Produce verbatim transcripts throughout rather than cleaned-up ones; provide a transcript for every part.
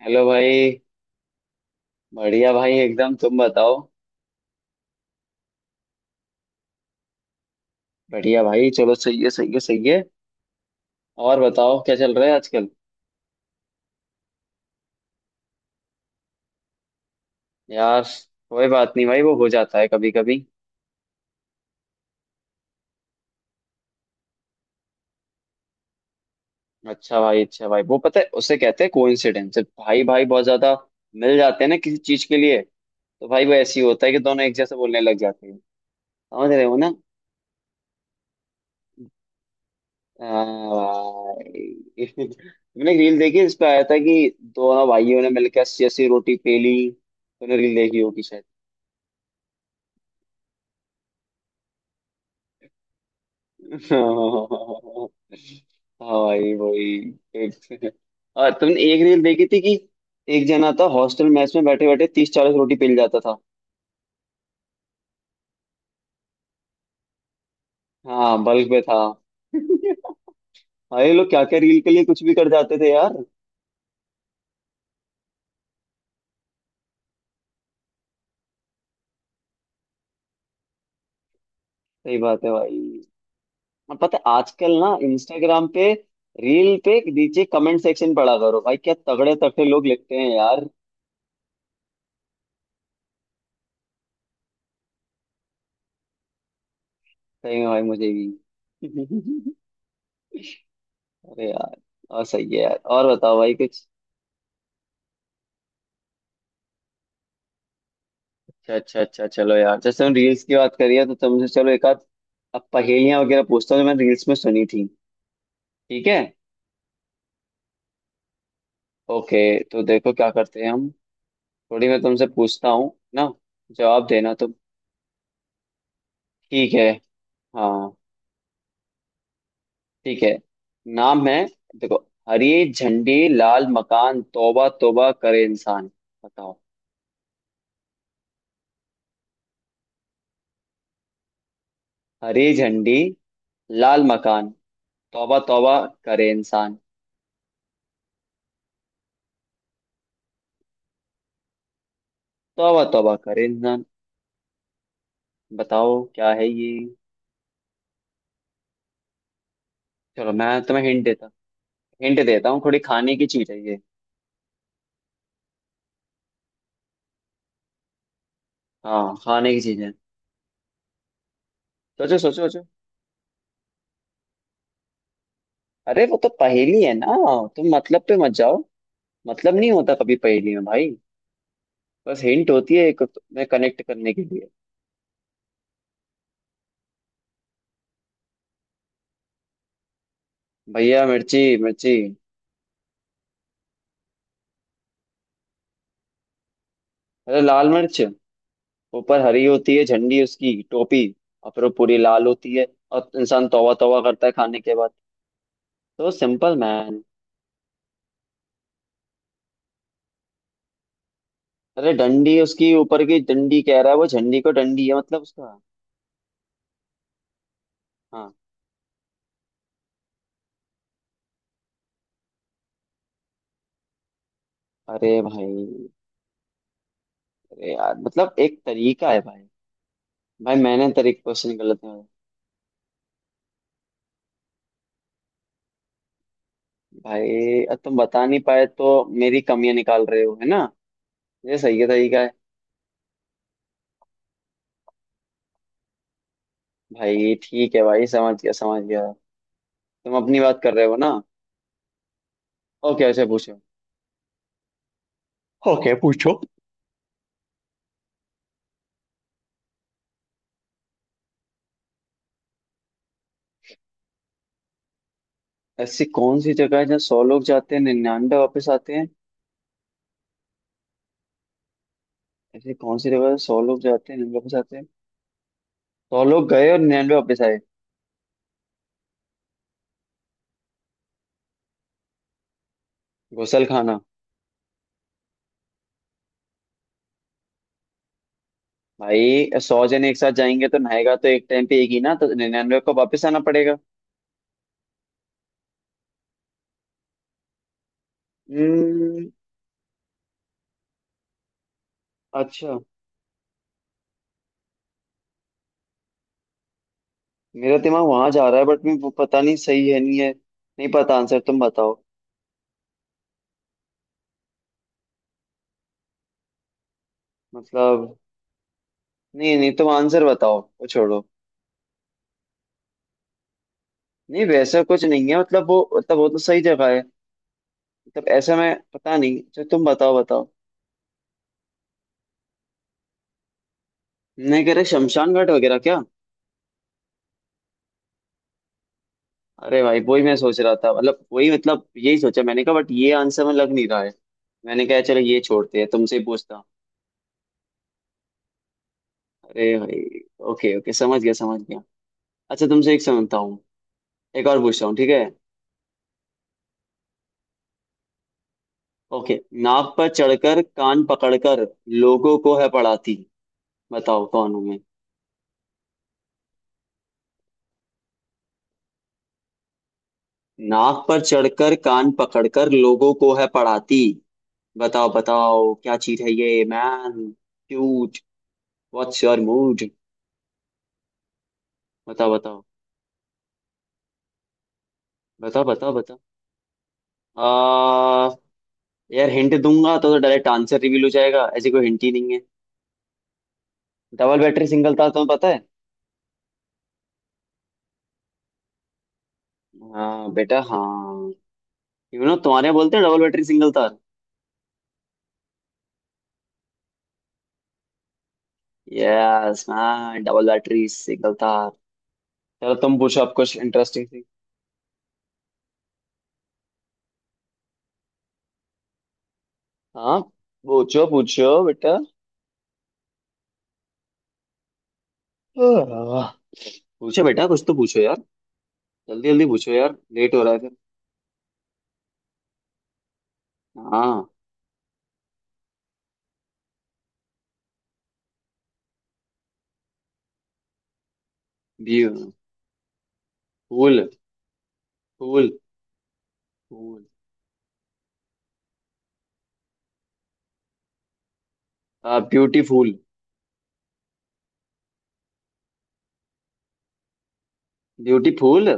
Hello भाई। बढ़िया भाई एकदम, तुम बताओ। बढ़िया भाई चलो, सही है सही है सही है। और बताओ क्या चल रहा है आजकल। यार, कोई बात नहीं भाई, वो हो जाता है कभी कभी। अच्छा भाई, अच्छा भाई, वो पता है उसे कहते हैं कोइंसिडेंस, भाई भाई बहुत ज्यादा मिल जाते हैं ना किसी चीज के लिए, तो भाई वो ऐसे ही होता है कि दोनों एक जैसे बोलने लग जाते हैं। समझ रहे हो ना। हाँ भाई मैंने एक रील देखी, इस पे आया था कि दोनों भाइयों ने मिलकर अस्सी अस्सी रोटी पेली, तुमने रील देखी होगी। हाँ भाई वही। एक और तुमने एक रील देखी थी कि एक जना था हॉस्टल मेस में बैठे बैठे तीस चालीस रोटी पेल जाता था। हाँ बल्क पे था भाई ये लोग क्या क्या रील के लिए कुछ भी कर जाते थे यार। सही बात है भाई। और पता है आजकल ना इंस्टाग्राम पे रील पे नीचे कमेंट सेक्शन पढ़ा करो भाई, क्या तगड़े तगड़े लोग लिखते हैं यार। सही में भाई, मुझे भी अरे यार, और सही है यार, और बताओ भाई कुछ। अच्छा अच्छा अच्छा, चलो यार जैसे हम रील्स की बात करी है तो तुमसे चलो एक आध अब पहेलियां वगैरह पूछता हूँ जो मैंने रील्स में सुनी थी। ठीक है। ओके। तो देखो क्या करते हैं हम। थोड़ी मैं तुमसे पूछता हूँ ना, जवाब देना तुम। ठीक है। हाँ, ठीक है। नाम है। देखो, हरी झंडी लाल मकान, तौबा तौबा करे इंसान। बताओ। हरी झंडी लाल मकान तौबा तौबा करे इंसान, तौबा तौबा करे इंसान। बताओ क्या है ये। चलो मैं तुम्हें हिंट देता हिंट देता हूँ थोड़ी, खाने की चीज है ये। हाँ, खाने की चीज है। सोचो सोचो सोचो। अरे वो तो पहेली है ना, तुम मतलब पे मत जाओ। मतलब नहीं होता कभी पहेली में भाई, बस हिंट होती है एक, में कनेक्ट करने के लिए। भैया मिर्ची मिर्ची। अरे लाल मिर्च, ऊपर हरी होती है झंडी उसकी टोपी, और फिर वो पूरी लाल होती है, और इंसान तौबा तौबा करता है खाने के बाद, तो सिंपल मैन। अरे डंडी, उसकी ऊपर की डंडी कह रहा है वो, झंडी को डंडी है मतलब उसका। हाँ। अरे भाई, अरे यार मतलब एक तरीका है भाई। भाई मैंने तरीकों से निकलते हैं। भाई अब तुम बता नहीं पाए तो मेरी कमियां निकाल रहे हो है ना। ये सही है तरीका है। भाई ठीक है भाई, समझ गया समझ गया। तुम अपनी बात कर रहे हो ना। ओके ऐसे पूछो। ओके पूछो। ऐसी कौन सी जगह है जहाँ सौ लोग जाते हैं निन्यानवे वापस आते हैं। ऐसी कौन सी जगह है सौ लोग जाते हैं निन्यानवे वापस आते हैं। सौ लोग गए और निन्यानवे वापस आए। गुसल खाना। भाई सौ जने एक साथ जाएंगे तो नहाएगा तो एक टाइम पे एक ही ना, तो निन्यानवे को वापस आना पड़ेगा। हम्म। अच्छा। मेरा दिमाग वहां जा रहा है बट मैं वो पता नहीं सही है नहीं है। नहीं पता आंसर, तुम बताओ। मतलब, नहीं नहीं तुम आंसर बताओ, वो छोड़ो। नहीं वैसा कुछ नहीं है, मतलब वो मतलब वो तो सही जगह है, मतलब ऐसा मैं पता नहीं, अच्छा तुम बताओ बताओ। नहीं कह रहे शमशान घाट वगैरह क्या। अरे भाई वही मैं सोच रहा था, मतलब वही मतलब यही सोचा, मैंने कहा बट ये आंसर में लग नहीं रहा है, मैंने कहा चलो ये छोड़ते हैं तुमसे ही पूछता हूँ। अरे भाई। ओके ओके समझ गया समझ गया। अच्छा तुमसे एक समझता हूँ, एक और पूछता हूँ, ठीक है। ओके, नाव पर चढ़कर कान पकड़कर लोगों को है पढ़ाती, बताओ कौन हूं मैं। नाव पर चढ़कर कान पकड़कर लोगों को है पढ़ाती। बताओ बताओ क्या चीज है ये man. Cute. What's your mood. बताओ बताओ। बताओ बताओ बताओ। आ यार हिंट दूंगा तो डायरेक्ट आंसर रिवील हो जाएगा, ऐसी कोई हिंट ही नहीं है। डबल बैटरी सिंगल तार, तुम्हें पता है। हाँ बेटा, हाँ, यू नो तुम्हारे यहाँ बोलते हैं डबल बैटरी सिंगल तार। Yes man, double battery single तार। चलो तुम पूछो आप कुछ इंटरेस्टिंग सी। हाँ पूछो पूछो बेटा। आह, पूछो बेटा कुछ तो पूछो यार। जल्दी जल्दी पूछो यार, लेट हो रहा है फिर। हाँ, ब्यूटीफुल। फूल। फूल। हाँ, ब्यूटीफुल। ब्यूटीफुल।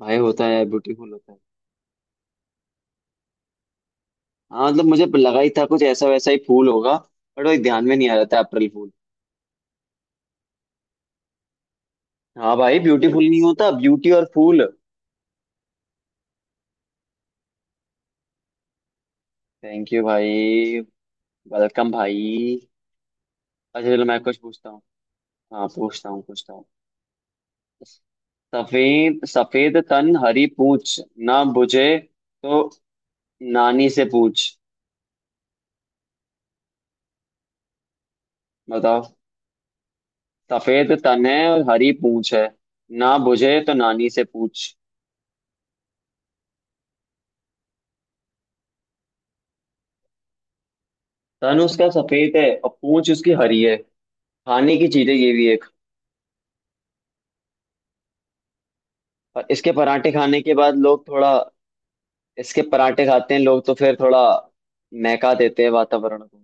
भाई होता है ब्यूटीफुल होता है। हाँ मतलब मुझे लगा ही था कुछ ऐसा वैसा ही फूल होगा बट वही ध्यान में नहीं आ रहा था, अप्रैल फूल। हाँ भाई ब्यूटीफुल नहीं होता, ब्यूटी और फूल। थैंक यू भाई। वेलकम भाई। अच्छा चलो मैं कुछ पूछता हूँ। हाँ पूछता हूँ पूछता हूँ। सफेद सफेद तन हरी पूछ, ना बुझे तो नानी से पूछ। बताओ। सफेद तन है और हरी पूछ है, ना बुझे तो नानी से पूछ। तन उसका सफेद है और पूछ उसकी हरी है। खाने की चीज है ये भी एक। और इसके पराठे खाने के बाद लोग थोड़ा, इसके पराठे खाते हैं लोग तो फिर थोड़ा महका देते हैं वातावरण को।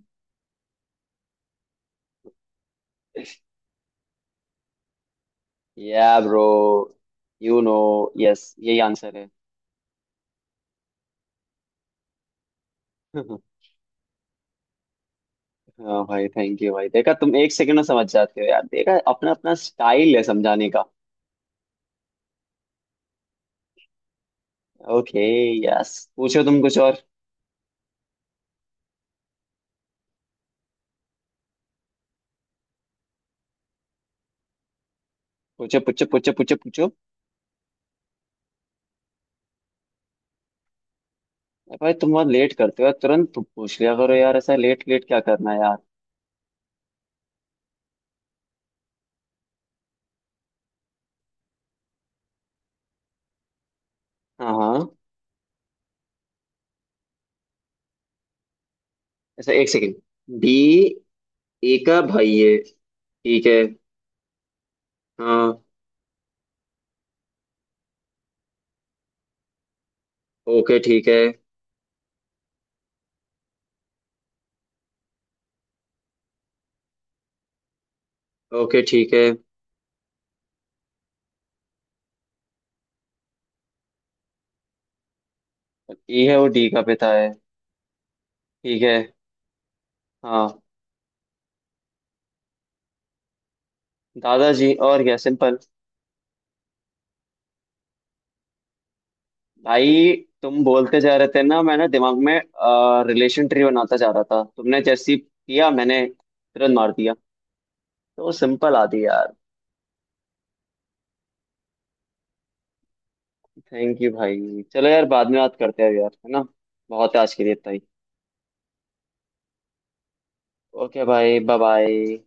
या ब्रो, यू नो यस, यही आंसर है। हाँ भाई थैंक यू भाई, देखा तुम एक सेकंड में समझ जाते हो यार, देखा अपना अपना स्टाइल है समझाने का। ओके। यस पूछो तुम कुछ और। पूछो पूछो पूछो पूछो पूछो। अरे भाई तुम बहुत लेट करते हो, तुरंत तुम पूछ लिया करो यार, ऐसा लेट लेट क्या करना है यार। हाँ। हाँ। ऐसा, एक सेकंड। डी, ए का भाई है ठीक है। हाँ। ओके ठीक है। ओके ठीक है। ई है वो डी का पिता है, ठीक है। हाँ। दादाजी, और क्या, सिंपल। भाई तुम बोलते जा रहे थे ना, मैंने दिमाग में रिलेशन ट्री बनाता जा रहा था, तुमने जैसी किया मैंने तुरंत मार दिया, तो सिंपल आती यार। थैंक यू भाई, चलो यार बाद में बात करते हैं यार, है ना। बहुत है आज के लिए इतना ही। ओके भाई, बाय बाय।